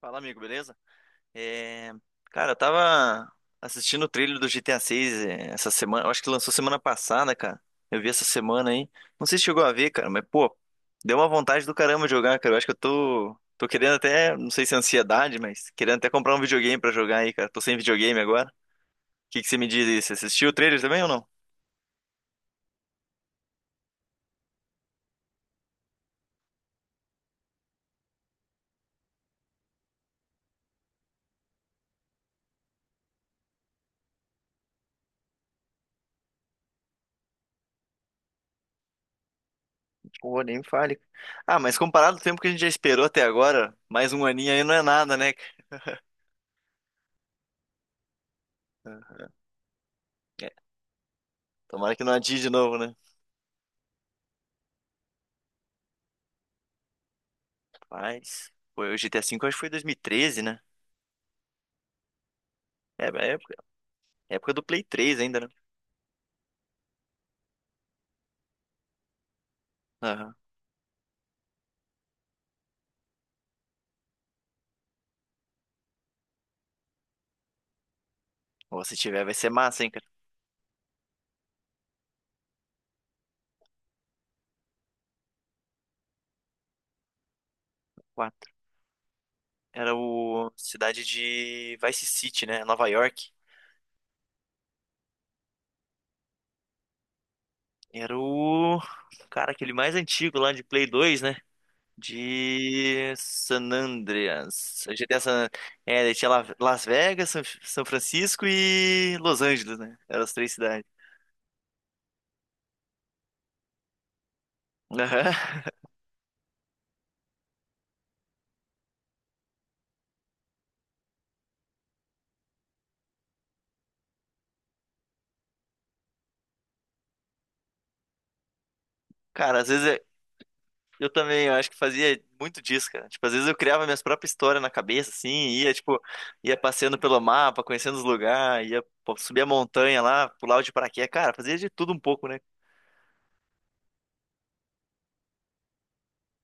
Fala, amigo, beleza? É, cara, eu tava assistindo o trailer do GTA 6 essa semana. Eu acho que lançou semana passada, cara. Eu vi essa semana aí. Não sei se chegou a ver, cara, mas, pô, deu uma vontade do caramba de jogar, cara. Eu acho que eu tô. Tô querendo até. Não sei se é ansiedade, mas querendo até comprar um videogame pra jogar aí, cara. Tô sem videogame agora. O que que você me diz aí? Você assistiu o trailer também ou não? Pô, nem me fale. Ah, mas comparado ao tempo que a gente já esperou até agora, mais um aninho aí não é nada, né? Cara? É, tomara que não adie de novo, né? Mas, foi o GTA V eu acho que foi 2013, né? É época do Play 3 ainda, né? Aham. Ou se tiver, vai ser massa, hein, cara? Quatro. Era o cidade de Vice City, né? Nova York. Era o, cara, aquele mais antigo lá de Play 2, né? De San Andreas. GTA San... É, daí tinha Las Vegas, São Francisco e Los Angeles, né? Eram as três cidades. Aham. Cara, às vezes é. Eu também, eu acho que fazia muito disso, cara. Tipo, às vezes eu criava minhas próprias histórias na cabeça, assim, tipo, ia passeando pelo mapa, conhecendo os lugares, ia pô, subir a montanha lá, pular de paraquedas. Cara, fazia de tudo um pouco, né?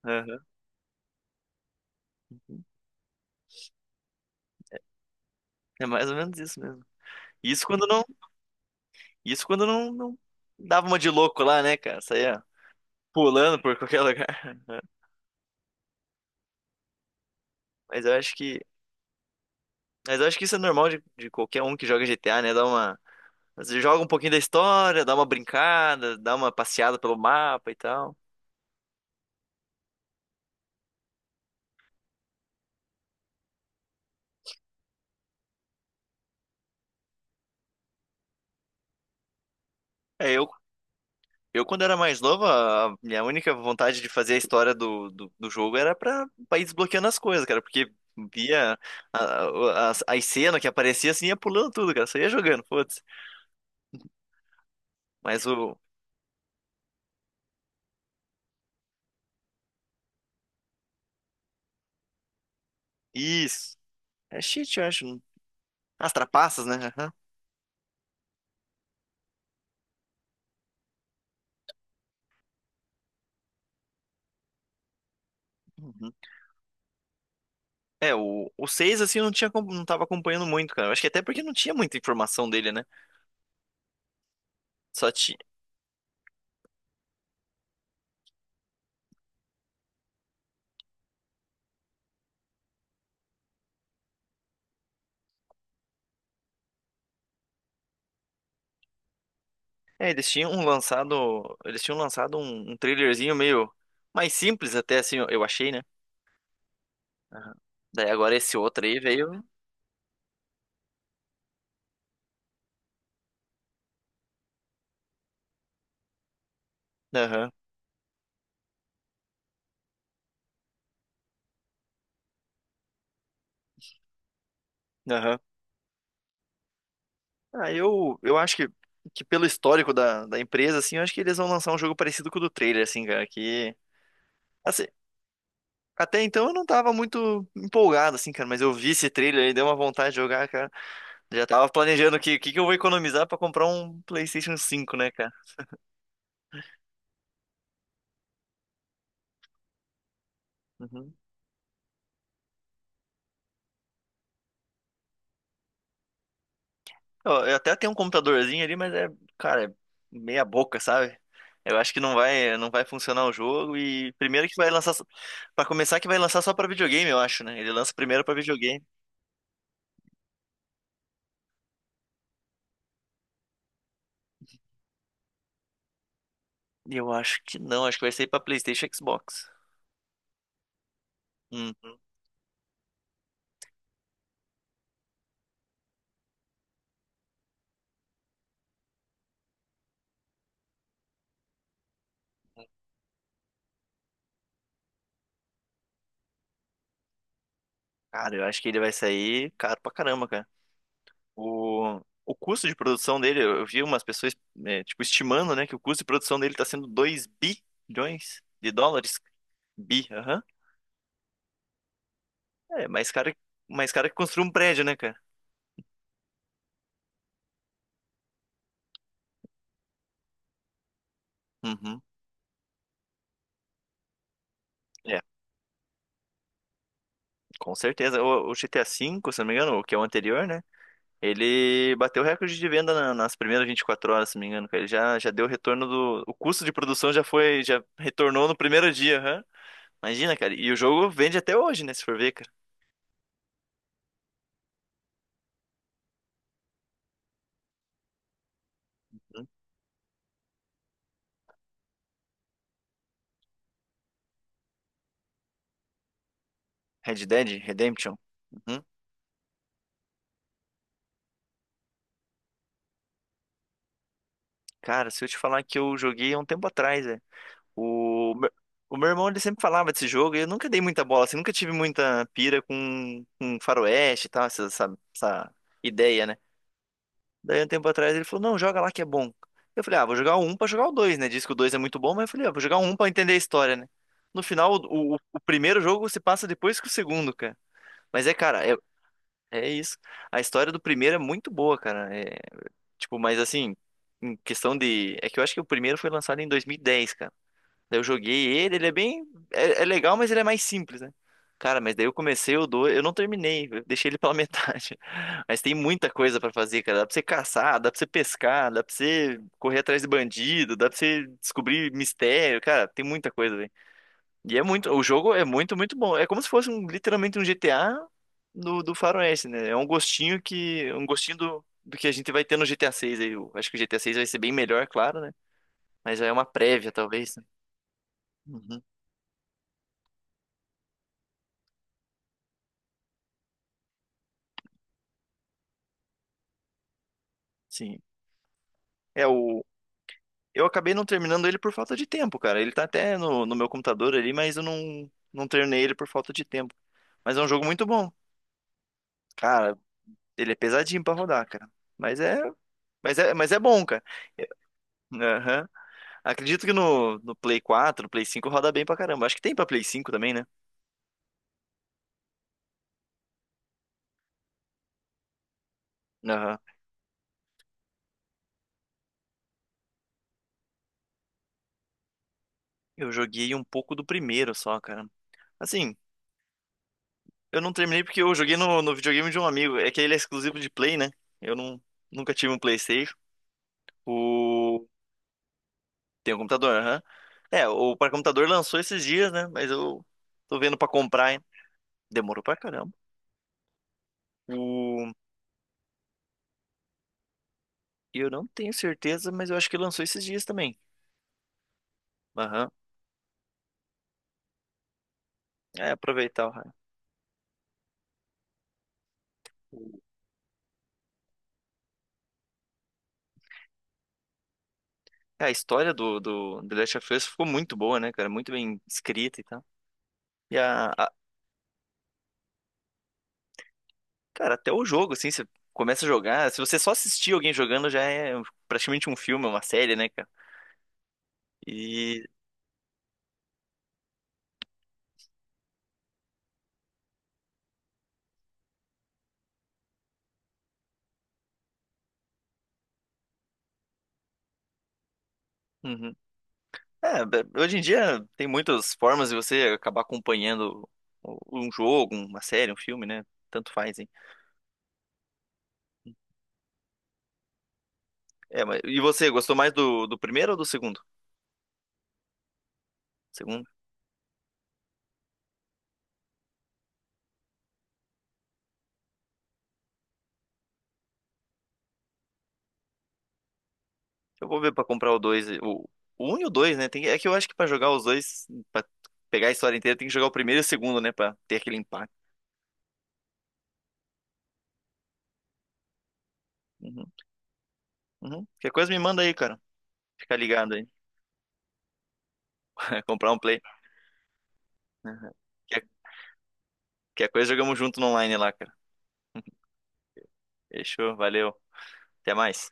Aham. É mais ou menos isso mesmo. Isso quando não, isso quando não, não dava uma de louco lá, né, cara? Saía pulando por qualquer lugar. Mas eu acho que, mas eu acho que isso é normal de qualquer um que joga GTA, né? Dá uma, você joga um pouquinho da história, dá uma brincada, dá uma passeada pelo mapa e tal. É, eu, Eu, quando era mais novo, a minha única vontade de fazer a história do jogo era pra ir desbloqueando as coisas, cara, porque via a- as cenas que aparecia assim, ia pulando tudo, cara, só ia jogando, foda-se. Mas o. Isso. É cheat, eu acho. As trapaças, né? Aham. Uhum. É, o 6 assim, eu não tinha, não tava acompanhando muito, cara. Eu acho que até porque não tinha muita informação dele, né? Só tinha. É, eles tinham lançado. Eles tinham lançado um trailerzinho meio mais simples, até assim, eu achei, né? Aham. Daí agora esse outro aí veio. Aham, aham. Ah, eu acho que pelo histórico da empresa, assim, eu acho que eles vão lançar um jogo parecido com o do trailer, assim, cara, que... Assim, até então eu não tava muito empolgado, assim, cara, mas eu vi esse trailer e deu uma vontade de jogar, cara. Já tava planejando o que que eu vou economizar pra comprar um PlayStation 5, né, cara? Uhum. Eu até tenho um computadorzinho ali, mas é, cara, é meia boca, sabe? Eu acho que não vai funcionar o jogo e primeiro que vai lançar só- Pra começar que vai lançar só pra videogame, eu acho, né? Ele lança primeiro pra videogame. E eu acho que não, acho que vai sair pra PlayStation e Xbox. Hum, cara, eu acho que ele vai sair caro pra caramba, cara. O, o custo de produção dele, eu vi umas pessoas, é, tipo, estimando, né, que o custo de produção dele tá sendo 2 bilhões de dólares. Bi, aham. É mais caro que construir um prédio, né, cara? Uhum. É, com certeza. O GTA V, se não me engano, o que é o anterior, né? Ele bateu o recorde de venda nas primeiras 24 horas, se não me engano, cara. Ele já deu o retorno do. O custo de produção já foi. Já retornou no primeiro dia, hã? Imagina, cara. E o jogo vende até hoje, né? Se for ver, cara. Hum. Red Dead Redemption. Uhum. Cara, se eu te falar que eu joguei há um tempo atrás, é. O, meu- o meu irmão, ele sempre falava desse jogo e eu nunca dei muita bola, assim. Nunca tive muita pira com faroeste e tal, essa ideia, né? Daí, um tempo atrás, ele falou, não, joga lá que é bom. Eu falei, ah, vou jogar o 1 pra jogar o dois, né? Diz que o 2 é muito bom, mas eu falei, ah, vou jogar o 1 pra entender a história, né? No final, o primeiro jogo se passa depois que o segundo, cara. Mas é, cara, é isso. A história do primeiro é muito boa, cara. É, tipo, mas assim, em questão de... É que eu acho que o primeiro foi lançado em 2010, cara. Daí eu joguei ele, ele é bem. É legal, mas ele é mais simples, né? Cara, mas daí eu comecei o 2 eu não terminei, eu deixei ele pela metade. Mas tem muita coisa pra fazer, cara. Dá pra você caçar, dá pra você pescar, dá pra você correr atrás de bandido, dá pra você descobrir mistério, cara, tem muita coisa, velho. E é muito, o jogo é muito, muito bom. É como se fosse literalmente um GTA do Faroeste, né? É um gostinho que, um gostinho do que a gente vai ter no GTA 6 aí. Eu acho que o GTA 6 vai ser bem melhor, claro, né? Mas já é uma prévia, talvez, né? Uhum. Sim. É, o... Eu acabei não terminando ele por falta de tempo, cara. Ele tá até no meu computador ali, mas eu não terminei ele por falta de tempo. Mas é um jogo muito bom. Cara, ele é pesadinho pra rodar, cara. Mas é. Mas é bom, cara. É, aham. Acredito que no Play 4 no Play 5 roda bem pra caramba. Acho que tem pra Play 5 também, né? Aham. Eu joguei um pouco do primeiro só, cara. Assim, eu não terminei porque eu joguei no videogame de um amigo. É que ele é exclusivo de Play, né? Eu não, nunca tive um PlayStation. Tem um computador, aham. É, o para computador lançou esses dias, né? Mas eu tô vendo pra comprar, hein? Demorou pra caramba. O... Eu não tenho certeza, mas eu acho que lançou esses dias também. Aham. É, aproveitar hype. A história do The Last of Us ficou muito boa, né, cara? Muito bem escrita e tal. E a, a- Cara, até o jogo, assim, você começa a jogar. Se você só assistir alguém jogando, já é praticamente um filme, uma série, né, cara? E. Uhum. É, hoje em dia tem muitas formas de você acabar acompanhando o- um jogo, uma série, um filme, né? Tanto faz, hein? É, mas, e você, gostou mais do primeiro ou do segundo? Segundo. Eu vou ver pra comprar o dois. O um e o dois, né? Tem, é que eu acho que pra jogar os dois, pra pegar a história inteira, tem que jogar o primeiro e o segundo, né? Pra ter aquele impacto. Uhum, uhum. Qualquer coisa me manda aí, cara. Fica ligado aí. Comprar um play. Uhum. Qualquer, qualquer coisa jogamos junto no online lá, cara. Fechou, valeu. Até mais.